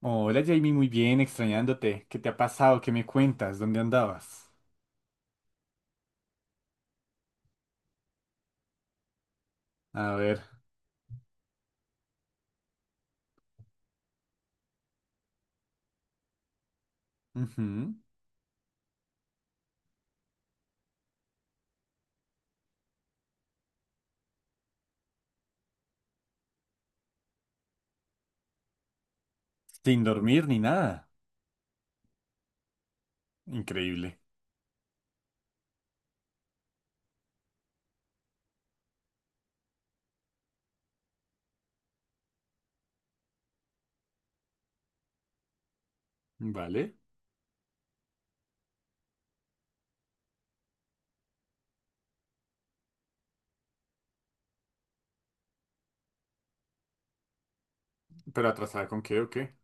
Hola Jamie, muy bien, extrañándote. ¿Qué te ha pasado? ¿Qué me cuentas? ¿Dónde andabas? A ver. Ujú. Sin dormir ni nada. Increíble. Vale. ¿Pero atrasada con qué o qué?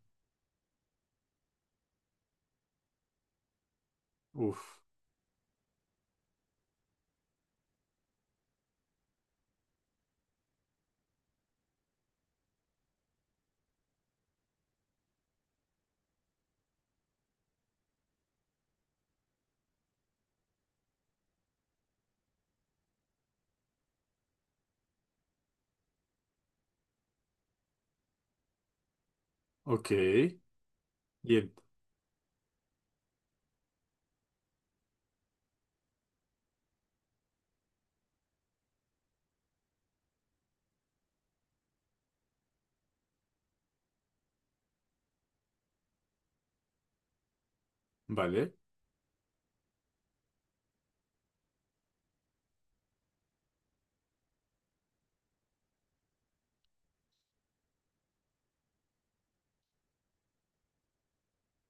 Uf. Ok. El- Vale.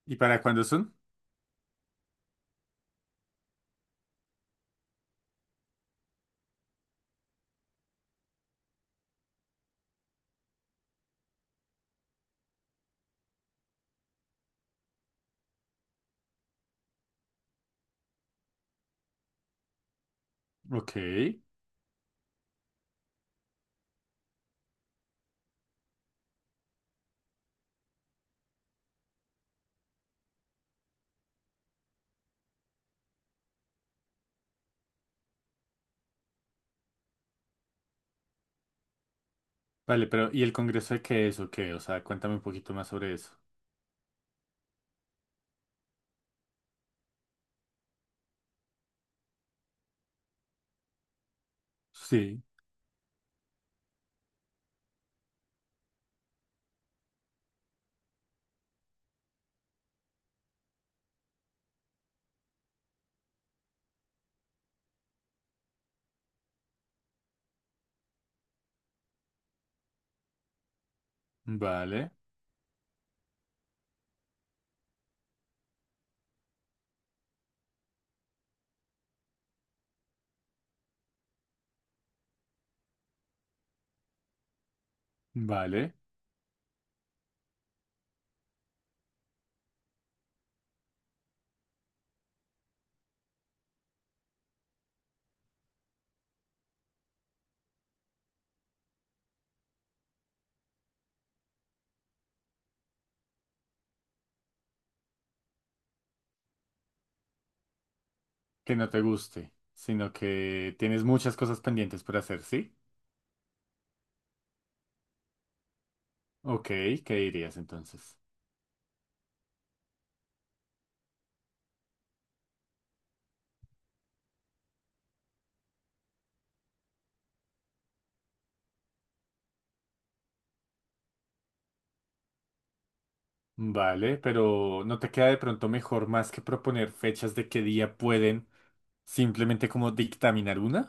¿Y para cuándo son? Ok. Vale, pero ¿y el congreso de qué es o qué? O sea, cuéntame un poquito más sobre eso. Sí. Vale. Vale. Que no te guste, sino que tienes muchas cosas pendientes por hacer, ¿sí? Ok. ¿Qué dirías entonces? Vale, pero ¿no te queda de pronto mejor más que proponer fechas de qué día pueden simplemente como dictaminar una?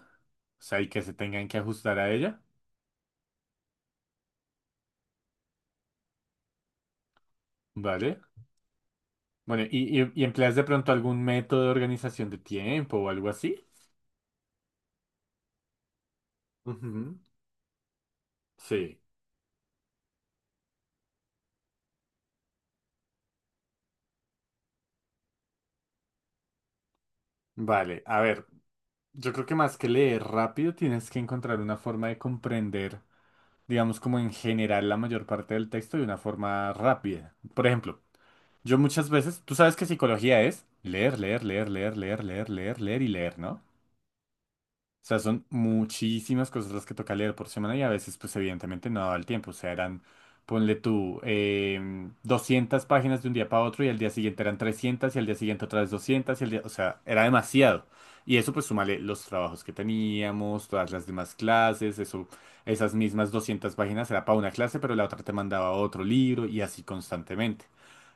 O sea, y que se tengan que ajustar a ella. Vale. Bueno, ¿y empleas de pronto algún método de organización de tiempo o algo así? Ujú, sí. Vale, a ver, yo creo que más que leer rápido tienes que encontrar una forma de comprender, digamos, como en general la mayor parte del texto de una forma rápida. Por ejemplo, yo muchas veces, tú sabes que psicología es leer, leer, leer, leer, leer, leer, leer, leer y leer, ¿no? O sea, son muchísimas cosas las que toca leer por semana y a veces, pues evidentemente no daba el tiempo. O sea, eran, ponle tú, 200 páginas de un día para otro y al día siguiente eran 300 y al día siguiente otra vez 200 y al día, o sea, era demasiado. Y eso pues súmale los trabajos que teníamos, todas las demás clases, eso, esas mismas 200 páginas era para una clase, pero la otra te mandaba otro libro y así constantemente.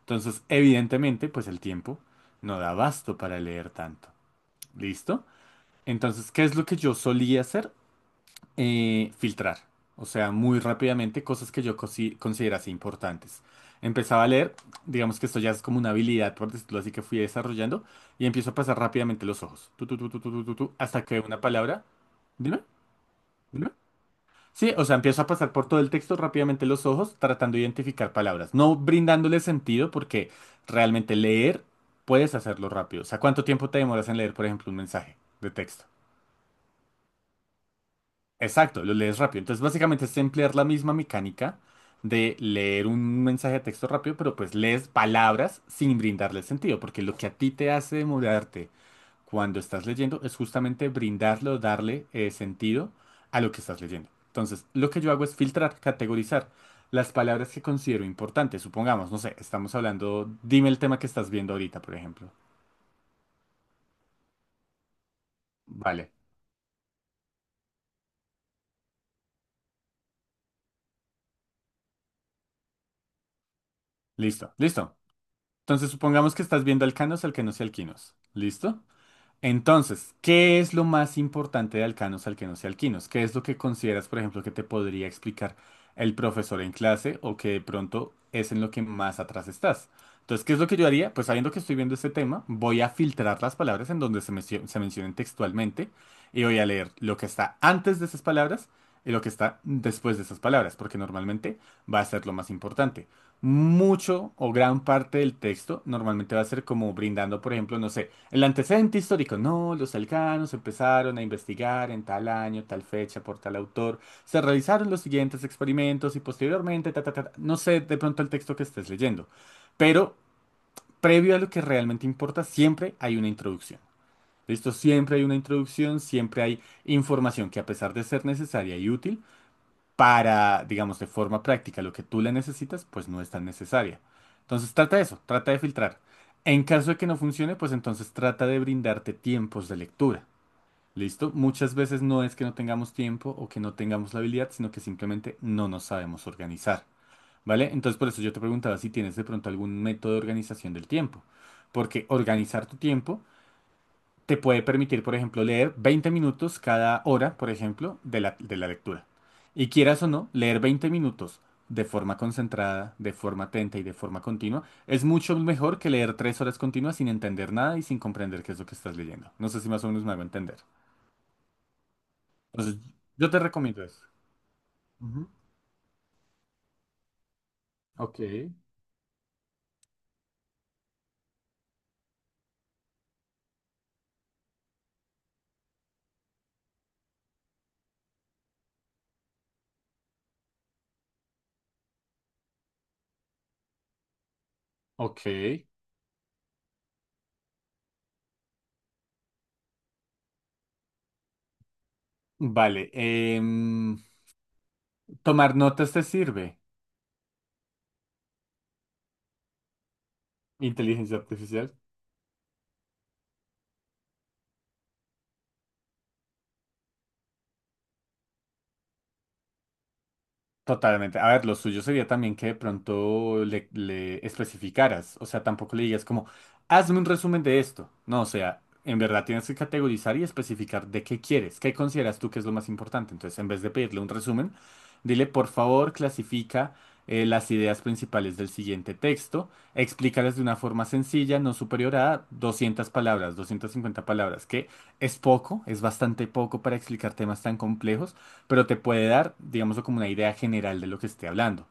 Entonces, evidentemente, pues el tiempo no da abasto para leer tanto. ¿Listo? Entonces, ¿qué es lo que yo solía hacer? Filtrar, o sea, muy rápidamente cosas que yo considerase importantes. Empezaba a leer, digamos que esto ya es como una habilidad, por decirlo así, que fui desarrollando, y empiezo a pasar rápidamente los ojos, tu, hasta que veo una palabra. Dime, dime. Sí, o sea, empiezo a pasar por todo el texto rápidamente los ojos, tratando de identificar palabras, no brindándole sentido, porque realmente leer puedes hacerlo rápido. O sea, ¿cuánto tiempo te demoras en leer, por ejemplo, un mensaje de texto? Exacto, lo lees rápido. Entonces, básicamente es emplear la misma mecánica de leer un mensaje de texto rápido, pero pues lees palabras sin brindarle sentido, porque lo que a ti te hace demorarte cuando estás leyendo es justamente brindarle o darle sentido a lo que estás leyendo. Entonces, lo que yo hago es filtrar, categorizar las palabras que considero importantes. Supongamos, no sé, estamos hablando, dime el tema que estás viendo ahorita, por ejemplo. Vale, listo, listo. Entonces, supongamos que estás viendo alcanos, alquenos y alquinos. ¿Listo? Entonces, ¿qué es lo más importante de alcanos, alquenos y alquinos? ¿Qué es lo que consideras, por ejemplo, que te podría explicar el profesor en clase o que de pronto es en lo que más atrás estás? Entonces, ¿qué es lo que yo haría? Pues sabiendo que estoy viendo este tema, voy a filtrar las palabras en donde se mencionen textualmente y voy a leer lo que está antes de esas palabras y lo que está después de esas palabras, porque normalmente va a ser lo más importante. Mucho o gran parte del texto normalmente va a ser como brindando, por ejemplo, no sé. El antecedente histórico, no, los alcanos empezaron a investigar en tal año, tal fecha, por tal autor, se realizaron los siguientes experimentos y posteriormente, ta, ta, ta, ta. No sé de pronto el texto que estés leyendo, pero previo a lo que realmente importa, siempre hay una introducción. Listo, siempre hay una introducción, siempre hay información que a pesar de ser necesaria y útil, para, digamos, de forma práctica, lo que tú le necesitas, pues no es tan necesaria. Entonces trata eso, trata de filtrar. En caso de que no funcione, pues entonces trata de brindarte tiempos de lectura. ¿Listo? Muchas veces no es que no tengamos tiempo o que no tengamos la habilidad, sino que simplemente no nos sabemos organizar. ¿Vale? Entonces por eso yo te preguntaba si tienes de pronto algún método de organización del tiempo. Porque organizar tu tiempo te puede permitir, por ejemplo, leer 20 minutos cada hora, por ejemplo, de la lectura. Y quieras o no, leer 20 minutos de forma concentrada, de forma atenta y de forma continua, es mucho mejor que leer 3 horas continuas sin entender nada y sin comprender qué es lo que estás leyendo. No sé si más o menos me hago entender. Entonces, yo te recomiendo eso. Ujú. Ok, ok. Vale. ¿Tomar notas te sirve? Inteligencia artificial. Totalmente. A ver, lo suyo sería también que de pronto le especificaras, o sea, tampoco le digas como, hazme un resumen de esto. No, o sea, en verdad tienes que categorizar y especificar de qué quieres, qué consideras tú que es lo más importante. Entonces, en vez de pedirle un resumen, dile, por favor, clasifica las ideas principales del siguiente texto, explícalas de una forma sencilla, no superior a 200 palabras, 250 palabras, que es poco, es bastante poco para explicar temas tan complejos, pero te puede dar, digamos, como una idea general de lo que esté hablando.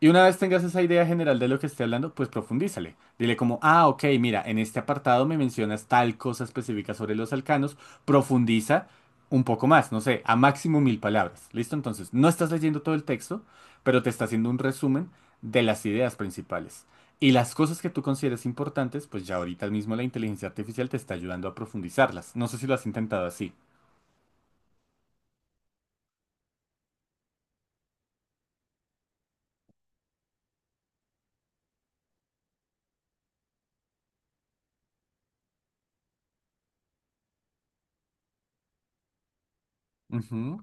Y una vez tengas esa idea general de lo que esté hablando, pues profundízale. Dile como, ah, ok, mira, en este apartado me mencionas tal cosa específica sobre los alcanos, profundiza un poco más, no sé, a máximo 1.000 palabras. ¿Listo? Entonces, no estás leyendo todo el texto, pero te está haciendo un resumen de las ideas principales. Y las cosas que tú consideres importantes, pues ya ahorita mismo la inteligencia artificial te está ayudando a profundizarlas. No sé si lo has intentado así. Ujú.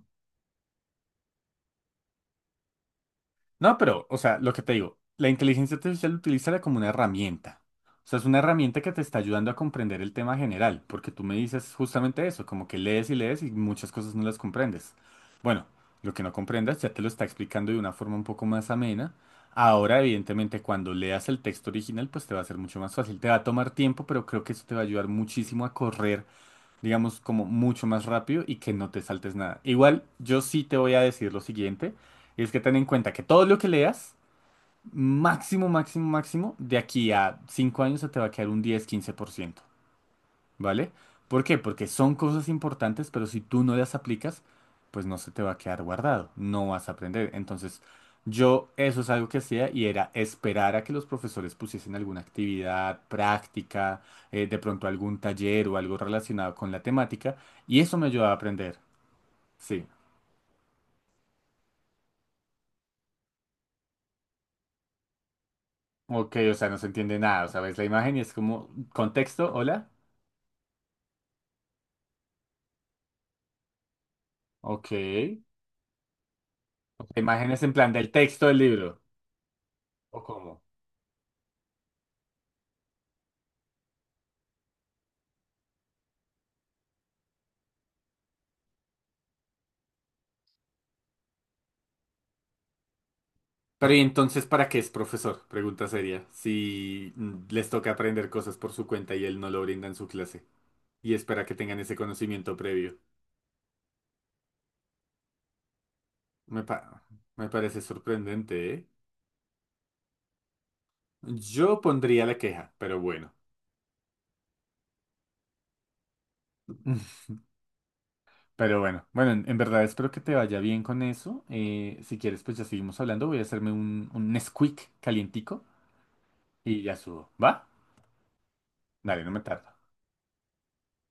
No, pero, o sea, lo que te digo, la inteligencia artificial utilízala como una herramienta. O sea, es una herramienta que te está ayudando a comprender el tema general, porque tú me dices justamente eso, como que lees y lees y muchas cosas no las comprendes. Bueno, lo que no comprendas ya te lo está explicando de una forma un poco más amena. Ahora, evidentemente, cuando leas el texto original, pues te va a ser mucho más fácil. Te va a tomar tiempo, pero creo que eso te va a ayudar muchísimo a correr, digamos, como mucho más rápido y que no te saltes nada. Igual, yo sí te voy a decir lo siguiente, y es que ten en cuenta que todo lo que leas, máximo, máximo, máximo, de aquí a 5 años se te va a quedar un 10-15%, ¿vale? ¿Por qué? Porque son cosas importantes, pero si tú no las aplicas, pues no se te va a quedar guardado, no vas a aprender. Entonces, yo eso es algo que hacía y era esperar a que los profesores pusiesen alguna actividad práctica, de pronto algún taller o algo relacionado con la temática, y eso me ayudaba a aprender, sí. Ok, o sea, no se entiende nada, o sea, ves la imagen y es como, ¿contexto? ¿Hola? Ok. Imágenes en plan del texto del libro. ¿O cómo? Pero ¿y entonces para qué es profesor? Pregunta seria. Si les toca aprender cosas por su cuenta y él no lo brinda en su clase y espera que tengan ese conocimiento previo. Me pa- me parece sorprendente, ¿eh? Yo pondría la queja, pero bueno. Pero bueno, bueno, en verdad espero que te vaya bien con eso. Si quieres, pues ya seguimos hablando. Voy a hacerme un, Nesquik calientico y ya subo. ¿Va? Dale, no me tardo.